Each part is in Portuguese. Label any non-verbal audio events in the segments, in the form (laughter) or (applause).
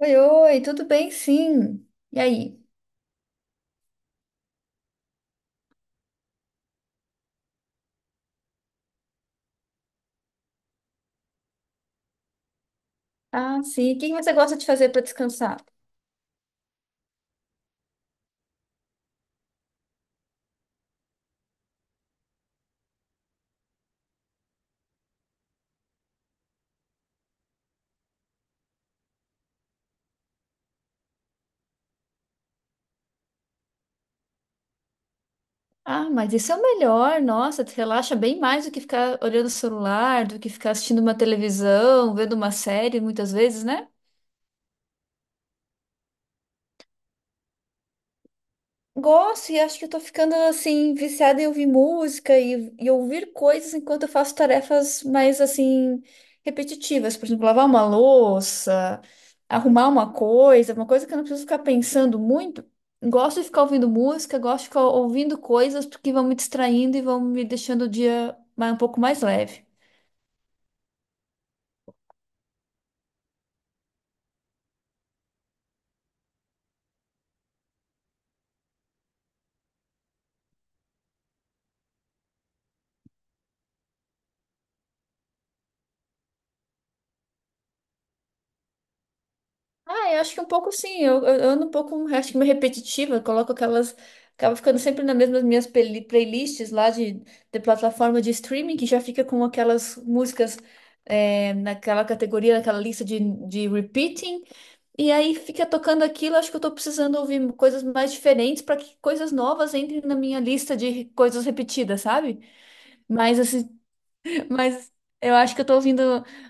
Oi, oi, tudo bem? Sim. E aí? Ah, sim. O que você gosta de fazer para descansar? Ah, mas isso é o melhor. Nossa, te relaxa bem mais do que ficar olhando o celular, do que ficar assistindo uma televisão, vendo uma série, muitas vezes, né? Gosto e acho que eu tô ficando assim viciada em ouvir música e ouvir coisas enquanto eu faço tarefas mais assim repetitivas, por exemplo, lavar uma louça, arrumar uma coisa que eu não preciso ficar pensando muito. Gosto de ficar ouvindo música, gosto de ficar ouvindo coisas porque vão me distraindo e vão me deixando o dia um pouco mais leve. Ah, eu acho que um pouco sim. Eu ando um pouco, acho que meio repetitiva. Coloco aquelas. Acaba ficando sempre nas mesmas minhas playlists lá de plataforma de streaming, que já fica com aquelas músicas é, naquela categoria, naquela lista de repeating. E aí fica tocando aquilo. Acho que eu tô precisando ouvir coisas mais diferentes para que coisas novas entrem na minha lista de coisas repetidas, sabe? Mas assim, mas eu acho que eu tô ouvindo.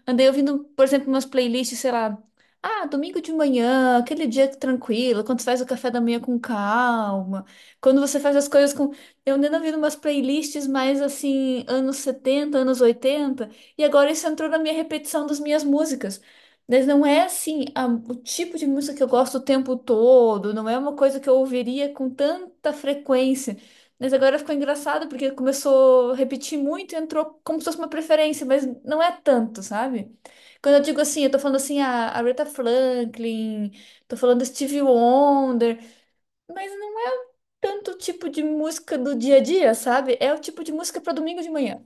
Andei ouvindo, por exemplo, umas playlists, sei lá. Ah, domingo de manhã, aquele dia tranquilo, quando você faz o café da manhã com calma, quando você faz as coisas com. Eu andei ouvindo umas playlists mais assim, anos 70 anos 80 e agora isso entrou na minha repetição das minhas músicas. Mas não é assim, o tipo de música que eu gosto o tempo todo, não é uma coisa que eu ouviria com tanta frequência. Mas agora ficou engraçado porque começou a repetir muito e entrou como se fosse uma preferência, mas não é tanto, sabe? Quando eu digo assim, eu tô falando assim a Aretha Franklin, tô falando Stevie Wonder, mas não é tanto o tipo de música do dia a dia, sabe? É o tipo de música pra domingo de manhã.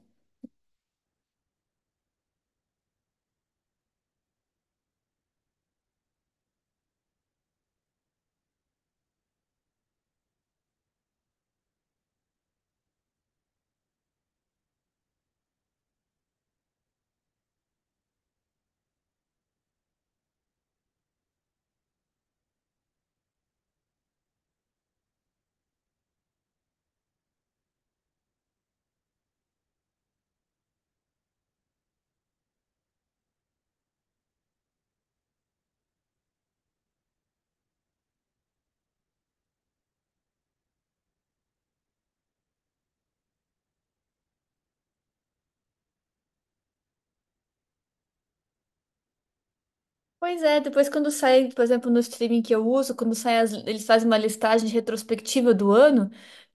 Pois é, depois quando sai, por exemplo, no streaming que eu uso, quando sai eles fazem uma listagem retrospectiva do ano,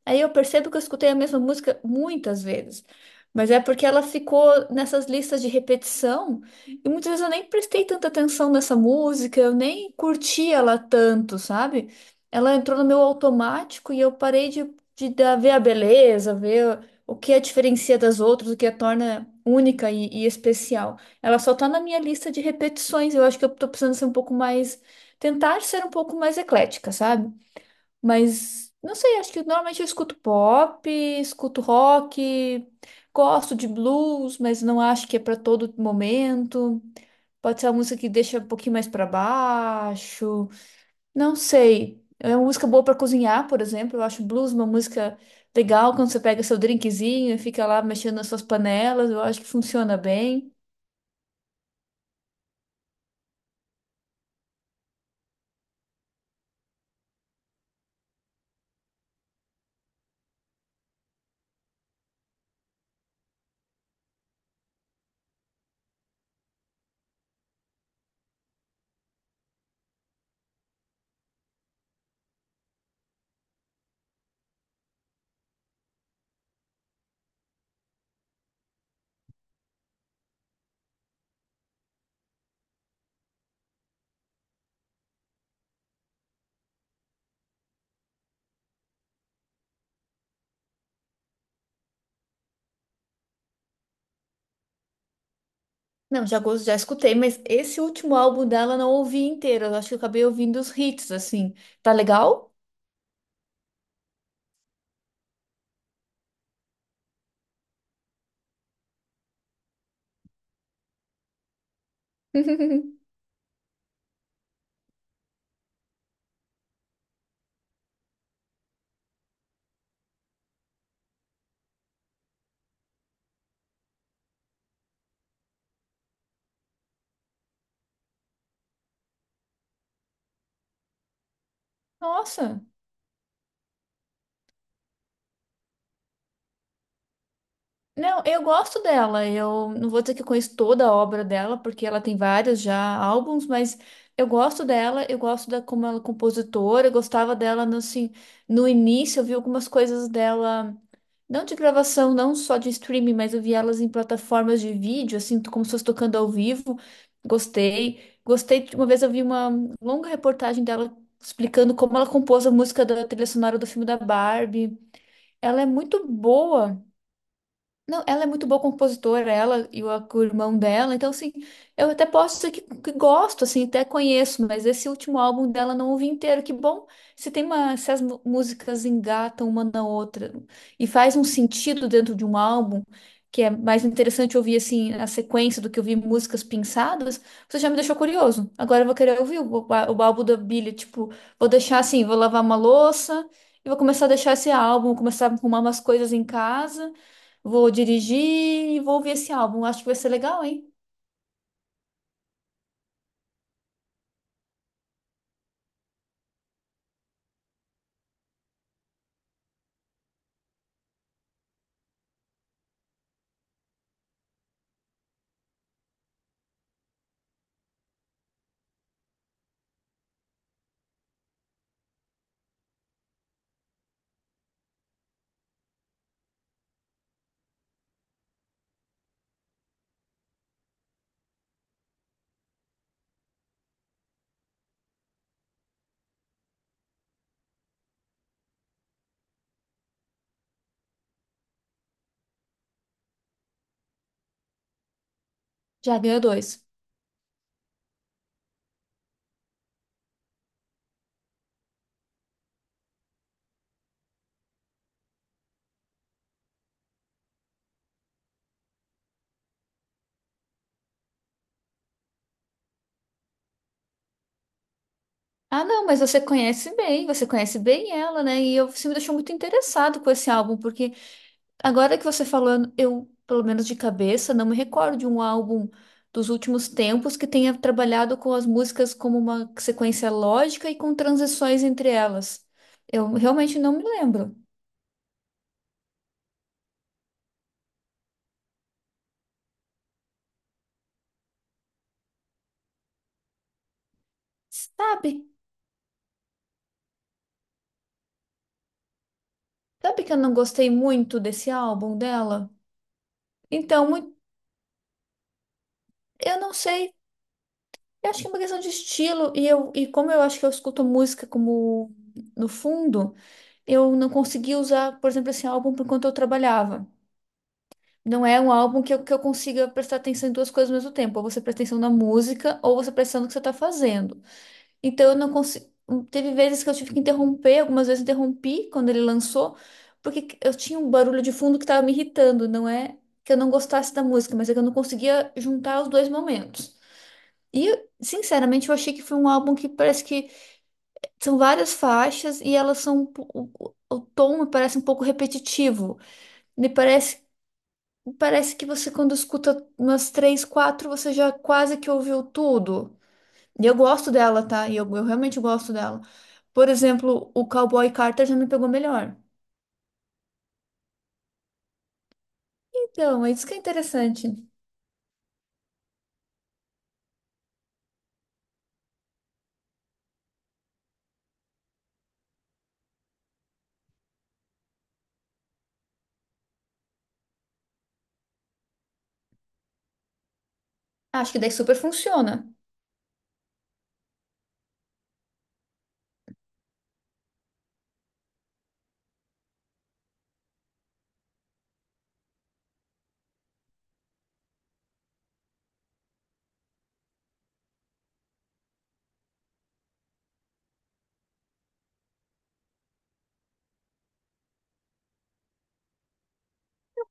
aí eu percebo que eu escutei a mesma música muitas vezes. Mas é porque ela ficou nessas listas de repetição, e muitas vezes eu nem prestei tanta atenção nessa música, eu nem curti ela tanto, sabe? Ela entrou no meu automático e eu parei de ver a beleza, ver o que a diferencia das outras, o que a torna única e especial. Ela só tá na minha lista de repetições. Eu acho que eu tô precisando ser um pouco mais. Tentar ser um pouco mais eclética, sabe? Mas não sei, acho que normalmente eu escuto pop, escuto rock, gosto de blues, mas não acho que é pra todo momento. Pode ser uma música que deixa um pouquinho mais pra baixo. Não sei. É uma música boa pra cozinhar, por exemplo. Eu acho blues uma música legal quando você pega seu drinkzinho e fica lá mexendo nas suas panelas. Eu acho que funciona bem. Não, já, já escutei, mas esse último álbum dela eu não ouvi inteiro. Eu acho que eu acabei ouvindo os hits, assim. Tá legal? (laughs) Nossa. Não, eu gosto dela. Eu não vou dizer que eu conheço toda a obra dela, porque ela tem vários já álbuns, mas eu gosto dela, eu gosto da como ela é compositora, eu gostava dela no, assim, no início, eu vi algumas coisas dela, não de gravação, não só de streaming, mas eu vi elas em plataformas de vídeo, assim, como se fosse tocando ao vivo. Gostei. Gostei, uma vez eu vi uma longa reportagem dela explicando como ela compôs a música da trilha sonora do filme da Barbie. Ela é muito boa. Não, ela é muito boa compositora, ela e o irmão dela. Então, assim, eu até posso dizer que gosto, assim, até conheço, mas esse último álbum dela não ouvi inteiro. Que bom se tem uma, se as músicas engatam uma na outra e faz um sentido dentro de um álbum, que é mais interessante ouvir, assim, a sequência do que ouvir músicas pinçadas. Você já me deixou curioso. Agora eu vou querer ouvir o, o álbum da Billie, tipo, vou deixar assim, vou lavar uma louça e vou começar a deixar esse álbum, começar a arrumar umas coisas em casa. Vou dirigir e vou ouvir esse álbum. Acho que vai ser legal, hein? Já ganhou dois. Ah, não, mas você conhece bem ela, né? E eu, você me deixou muito interessado com esse álbum, porque agora que você falou, eu, pelo menos de cabeça, não me recordo de um álbum dos últimos tempos que tenha trabalhado com as músicas como uma sequência lógica e com transições entre elas. Eu realmente não me lembro. Sabe? Sabe que eu não gostei muito desse álbum dela? Então, eu não sei. Eu acho que é uma questão de estilo, e, eu, e como eu acho que eu escuto música como no fundo, eu não consegui usar, por exemplo, esse álbum por enquanto eu trabalhava. Não é um álbum que eu consiga prestar atenção em duas coisas ao mesmo tempo. Ou você presta atenção na música, ou você presta atenção no que você está fazendo. Então eu não consigo. Teve vezes que eu tive que interromper, algumas vezes interrompi quando ele lançou, porque eu tinha um barulho de fundo que estava me irritando. Não é que eu não gostasse da música, mas é que eu não conseguia juntar os dois momentos. E, sinceramente, eu achei que foi um álbum que parece que são várias faixas e elas são. O tom me parece um pouco repetitivo. Me parece, parece que você, quando escuta umas três, quatro, você já quase que ouviu tudo. E eu gosto dela, tá? E eu realmente gosto dela. Por exemplo, o Cowboy Carter já me pegou melhor. Então, é isso que é interessante. Acho que daí super funciona.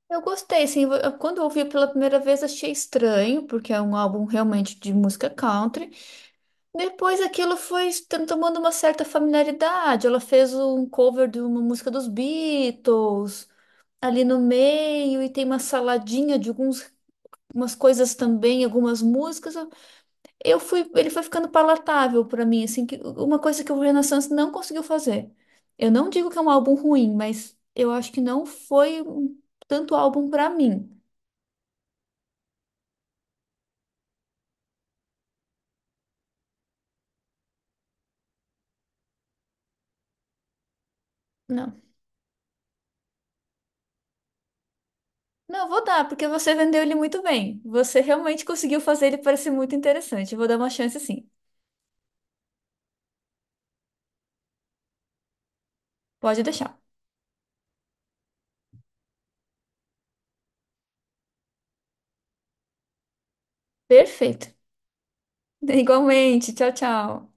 Eu gostei, assim, quando eu ouvi pela primeira vez achei estranho, porque é um álbum realmente de música country. Depois aquilo foi se tomando uma certa familiaridade. Ela fez um cover de uma música dos Beatles ali no meio e tem uma saladinha de alguns umas coisas também, algumas músicas. Eu fui, ele foi ficando palatável para mim, assim, que uma coisa que o Renaissance não conseguiu fazer. Eu não digo que é um álbum ruim, mas eu acho que não foi um tanto álbum para mim. Não. Não, vou dar, porque você vendeu ele muito bem. Você realmente conseguiu fazer ele parecer muito interessante. Eu vou dar uma chance sim. Pode deixar. Perfeito. (laughs) Igualmente. Tchau, tchau.